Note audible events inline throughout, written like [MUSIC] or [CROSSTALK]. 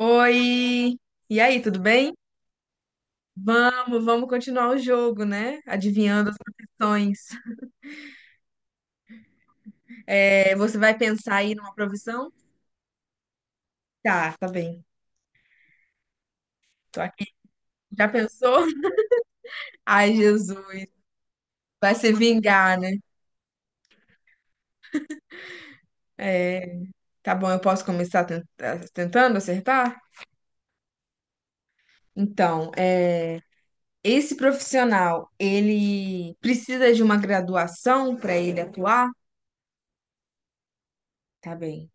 Oi! E aí, tudo bem? Vamos continuar o jogo, né? Adivinhando as profissões. É, você vai pensar aí numa profissão? Tá, tá bem. Tô aqui. Já pensou? [LAUGHS] Ai, Jesus. Vai se vingar, né? É, tá bom, eu posso começar tentando acertar? Então, é, esse profissional, ele precisa de uma graduação para ele atuar? Tá bem.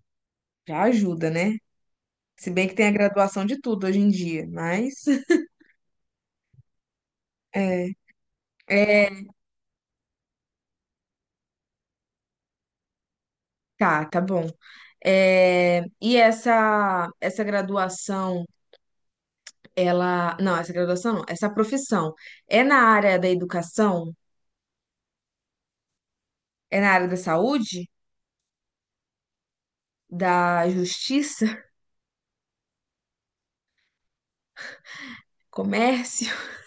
Já ajuda, né? Se bem que tem a graduação de tudo hoje em dia, mas. [LAUGHS] É. Tá, tá bom. É, e essa graduação, ela, não, essa graduação não, essa profissão é na área da educação, é na área da saúde, da justiça, comércio, [LAUGHS]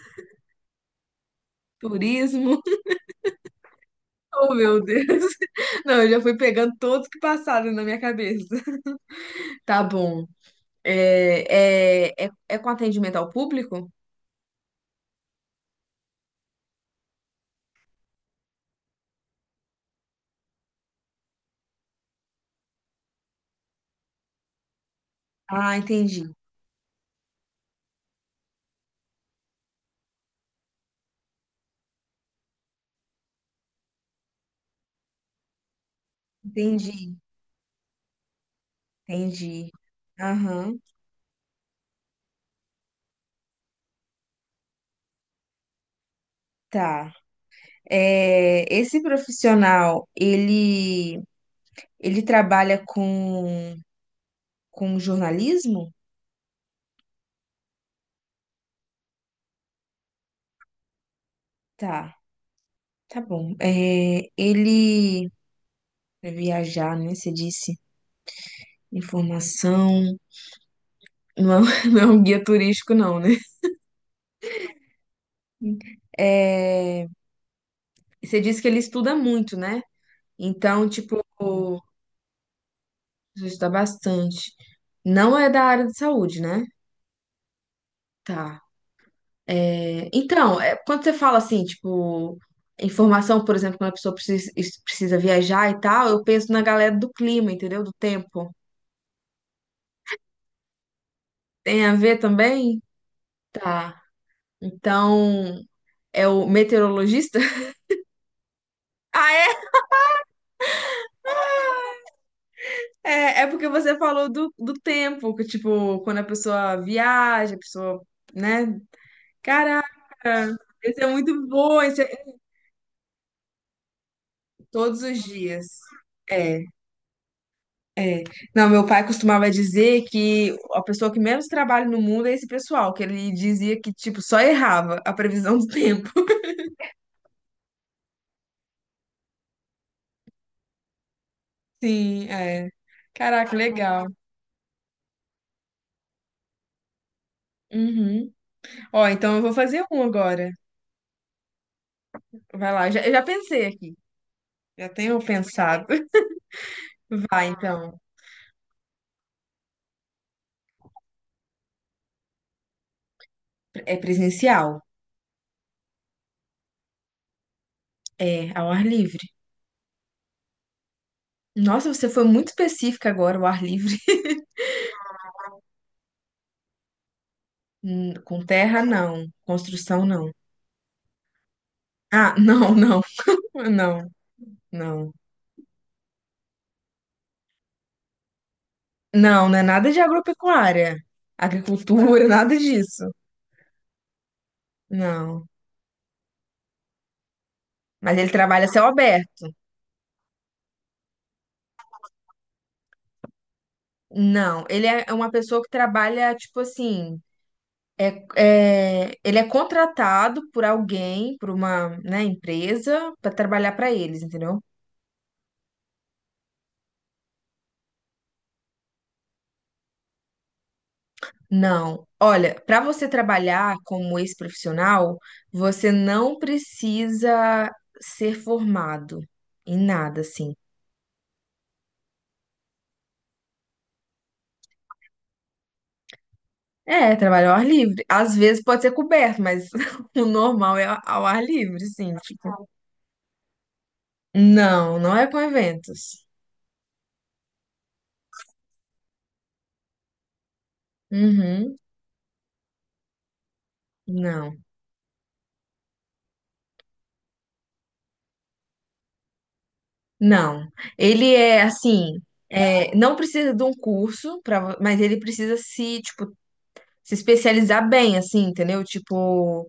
turismo. Oh, meu Deus. [LAUGHS] Não, eu já fui pegando todos que passaram na minha cabeça. [LAUGHS] Tá bom. É com atendimento ao público? Ah, entendi. Entendi, entendi. Aham, tá. É, esse profissional, ele trabalha com jornalismo? Tá, tá bom. É, ele vai viajar, né? Você disse informação. Não, [LAUGHS] não é um guia turístico, não, né? É, você disse que ele estuda muito, né? Então, tipo, precisa estudar bastante. Não é da área de saúde, né? Tá. É, então, é, quando você fala assim, tipo, informação, por exemplo, quando a pessoa precisa, precisa viajar e tal, eu penso na galera do clima, entendeu? Do tempo. Tem a ver também? Tá. Então, é o meteorologista? [LAUGHS] Ah, é? É, é porque você falou do, do tempo, que, tipo, quando a pessoa viaja, a pessoa, né? Caraca, esse é muito bom, esse é todos os dias. É. É. Não, meu pai costumava dizer que a pessoa que menos trabalha no mundo é esse pessoal, que ele dizia que, tipo, só errava a previsão do tempo. [LAUGHS] Sim, é. Caraca, legal. Uhum. Ó, então eu vou fazer um agora. Vai lá, eu já pensei aqui. Já tenho pensado. [LAUGHS] Vai, então. É presencial. É, ao ar livre. Nossa, você foi muito específica agora, o ar livre. [LAUGHS] Com terra, não. Construção, não. Ah, não, não. [LAUGHS] Não, não. Não, não é nada de agropecuária, agricultura, [LAUGHS] nada disso. Não. Mas ele trabalha a céu aberto. Não, ele é uma pessoa que trabalha, tipo assim, ele é contratado por alguém, por uma, né, empresa, para trabalhar para eles, entendeu? Não. Olha, para você trabalhar como esse profissional, você não precisa ser formado em nada, assim. É, trabalho ao ar livre. Às vezes pode ser coberto, mas [LAUGHS] o normal é ao ar livre, sim. Tipo, não, não é com eventos. Uhum, não, não. Ele é assim, é, não precisa de um curso, pra, mas ele precisa se, tipo, se especializar bem, assim, entendeu? Tipo,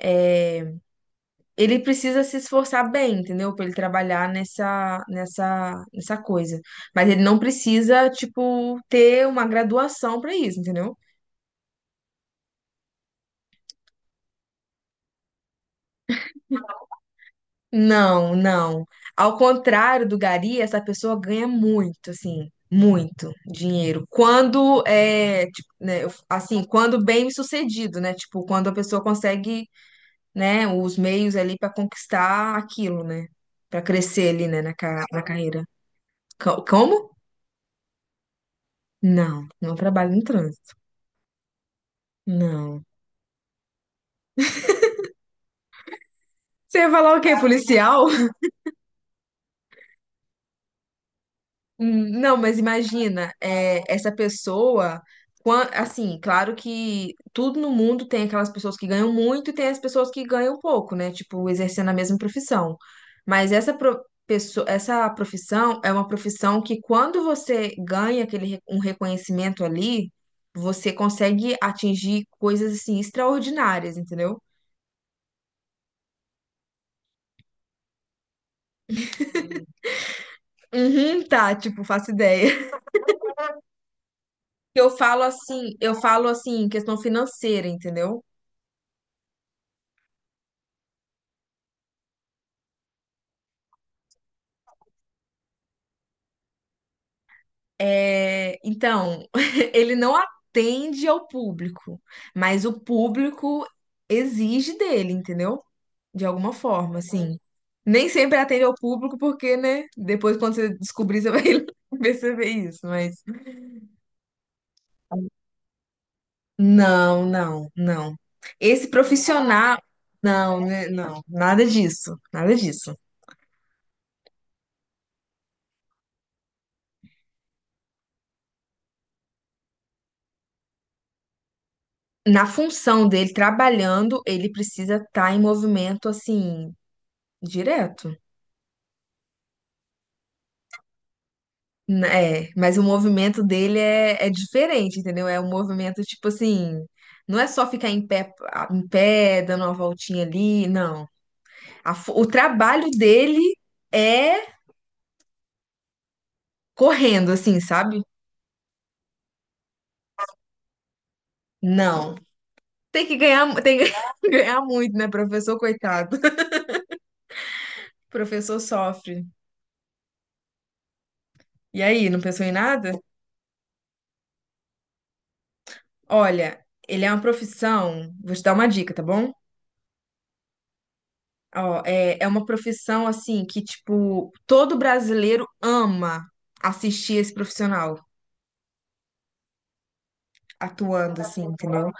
é, ele precisa se esforçar bem, entendeu? Pra ele trabalhar nessa coisa. Mas ele não precisa, tipo, ter uma graduação pra isso, entendeu? Não, não. Ao contrário do Gari, essa pessoa ganha muito, assim, muito dinheiro. Quando é, tipo, né, assim, quando bem sucedido, né? Tipo, quando a pessoa consegue, né, os meios ali para conquistar aquilo, né? Para crescer ali, né, na carreira. Como? Não, não trabalho no trânsito. Não. Você ia falar o quê? Policial? Não, mas imagina, é, essa pessoa, assim, claro que tudo no mundo tem aquelas pessoas que ganham muito e tem as pessoas que ganham pouco, né? Tipo, exercendo a mesma profissão. Mas essa essa profissão é uma profissão que quando você ganha um reconhecimento ali, você consegue atingir coisas assim extraordinárias, entendeu? Uhum, tá, tipo, faço ideia. [LAUGHS] Eu falo assim, em questão financeira, entendeu? É, então, [LAUGHS] ele não atende ao público, mas o público exige dele, entendeu? De alguma forma, assim. Nem sempre atende ao público, porque, né? Depois, quando você descobrir, você vai [LAUGHS] perceber isso, mas. Não. Esse profissional. Não, né, não, nada disso. Na função dele trabalhando, ele precisa estar em movimento, assim, direto. É, mas o movimento dele é diferente, entendeu? É um movimento tipo assim, não é só ficar em pé, em pé, dando uma voltinha ali, não. O trabalho dele é correndo, assim, sabe? Não. Tem que ganhar, [LAUGHS] tem que [LAUGHS] ganhar muito, né, professor, coitado. [LAUGHS] Professor sofre. E aí, não pensou em nada? Olha, ele é uma profissão, vou te dar uma dica, tá bom? Ó, é uma profissão assim que, tipo, todo brasileiro ama assistir esse profissional atuando, assim, entendeu?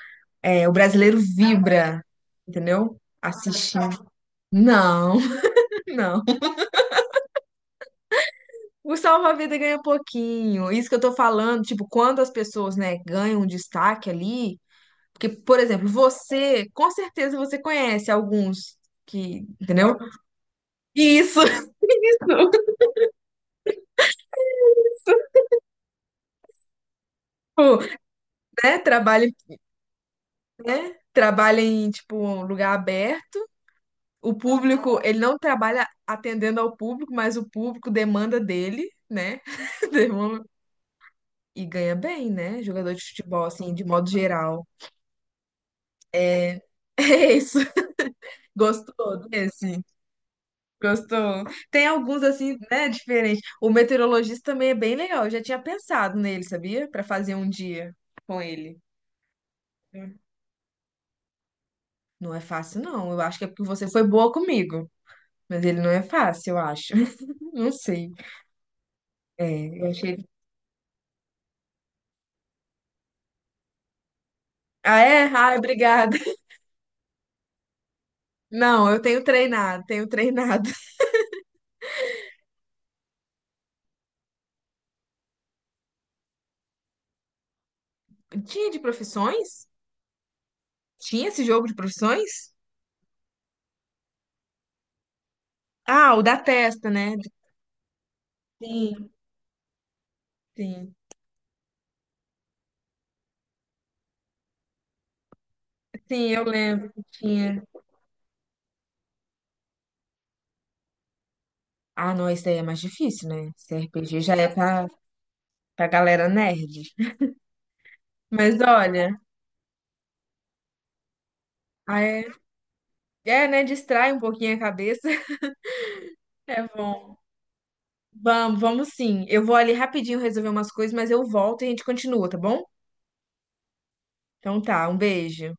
É, o brasileiro vibra, entendeu? Assistindo. Não, [LAUGHS] não. O salva-vida ganha pouquinho. Isso que eu tô falando, tipo, quando as pessoas, né, ganham um destaque ali. Porque, por exemplo, você, com certeza você conhece alguns que, entendeu? Isso, [LAUGHS] né? Trabalha né? Trabalha em, tipo, um lugar aberto. O público, ele não trabalha atendendo ao público, mas o público demanda dele, né? [LAUGHS] Demanda- E ganha bem, né? Jogador de futebol, assim, de modo geral. [LAUGHS] É isso. Gostou desse? Gostou? Tem alguns, assim, né, diferentes. O meteorologista também é bem legal. Eu já tinha pensado nele, sabia? Pra fazer um dia com ele. Não é fácil, não. Eu acho que é porque você foi boa comigo. Mas ele não é fácil, eu acho. [LAUGHS] Não sei. É, eu achei. Ah, é? Ai, obrigada. [LAUGHS] Não, tenho treinado. [LAUGHS] Tinha de profissões? Tinha esse jogo de profissões? Ah, o da testa, né? Sim, sim. Sim, eu lembro que tinha. Ah, não, esse daí é mais difícil, né? Esse RPG já é pra, pra galera nerd. Mas olha, ah, é, é, né? Distrai um pouquinho a cabeça. [LAUGHS] É bom. Vamos sim. Eu vou ali rapidinho resolver umas coisas, mas eu volto e a gente continua, tá bom? Então tá, um beijo.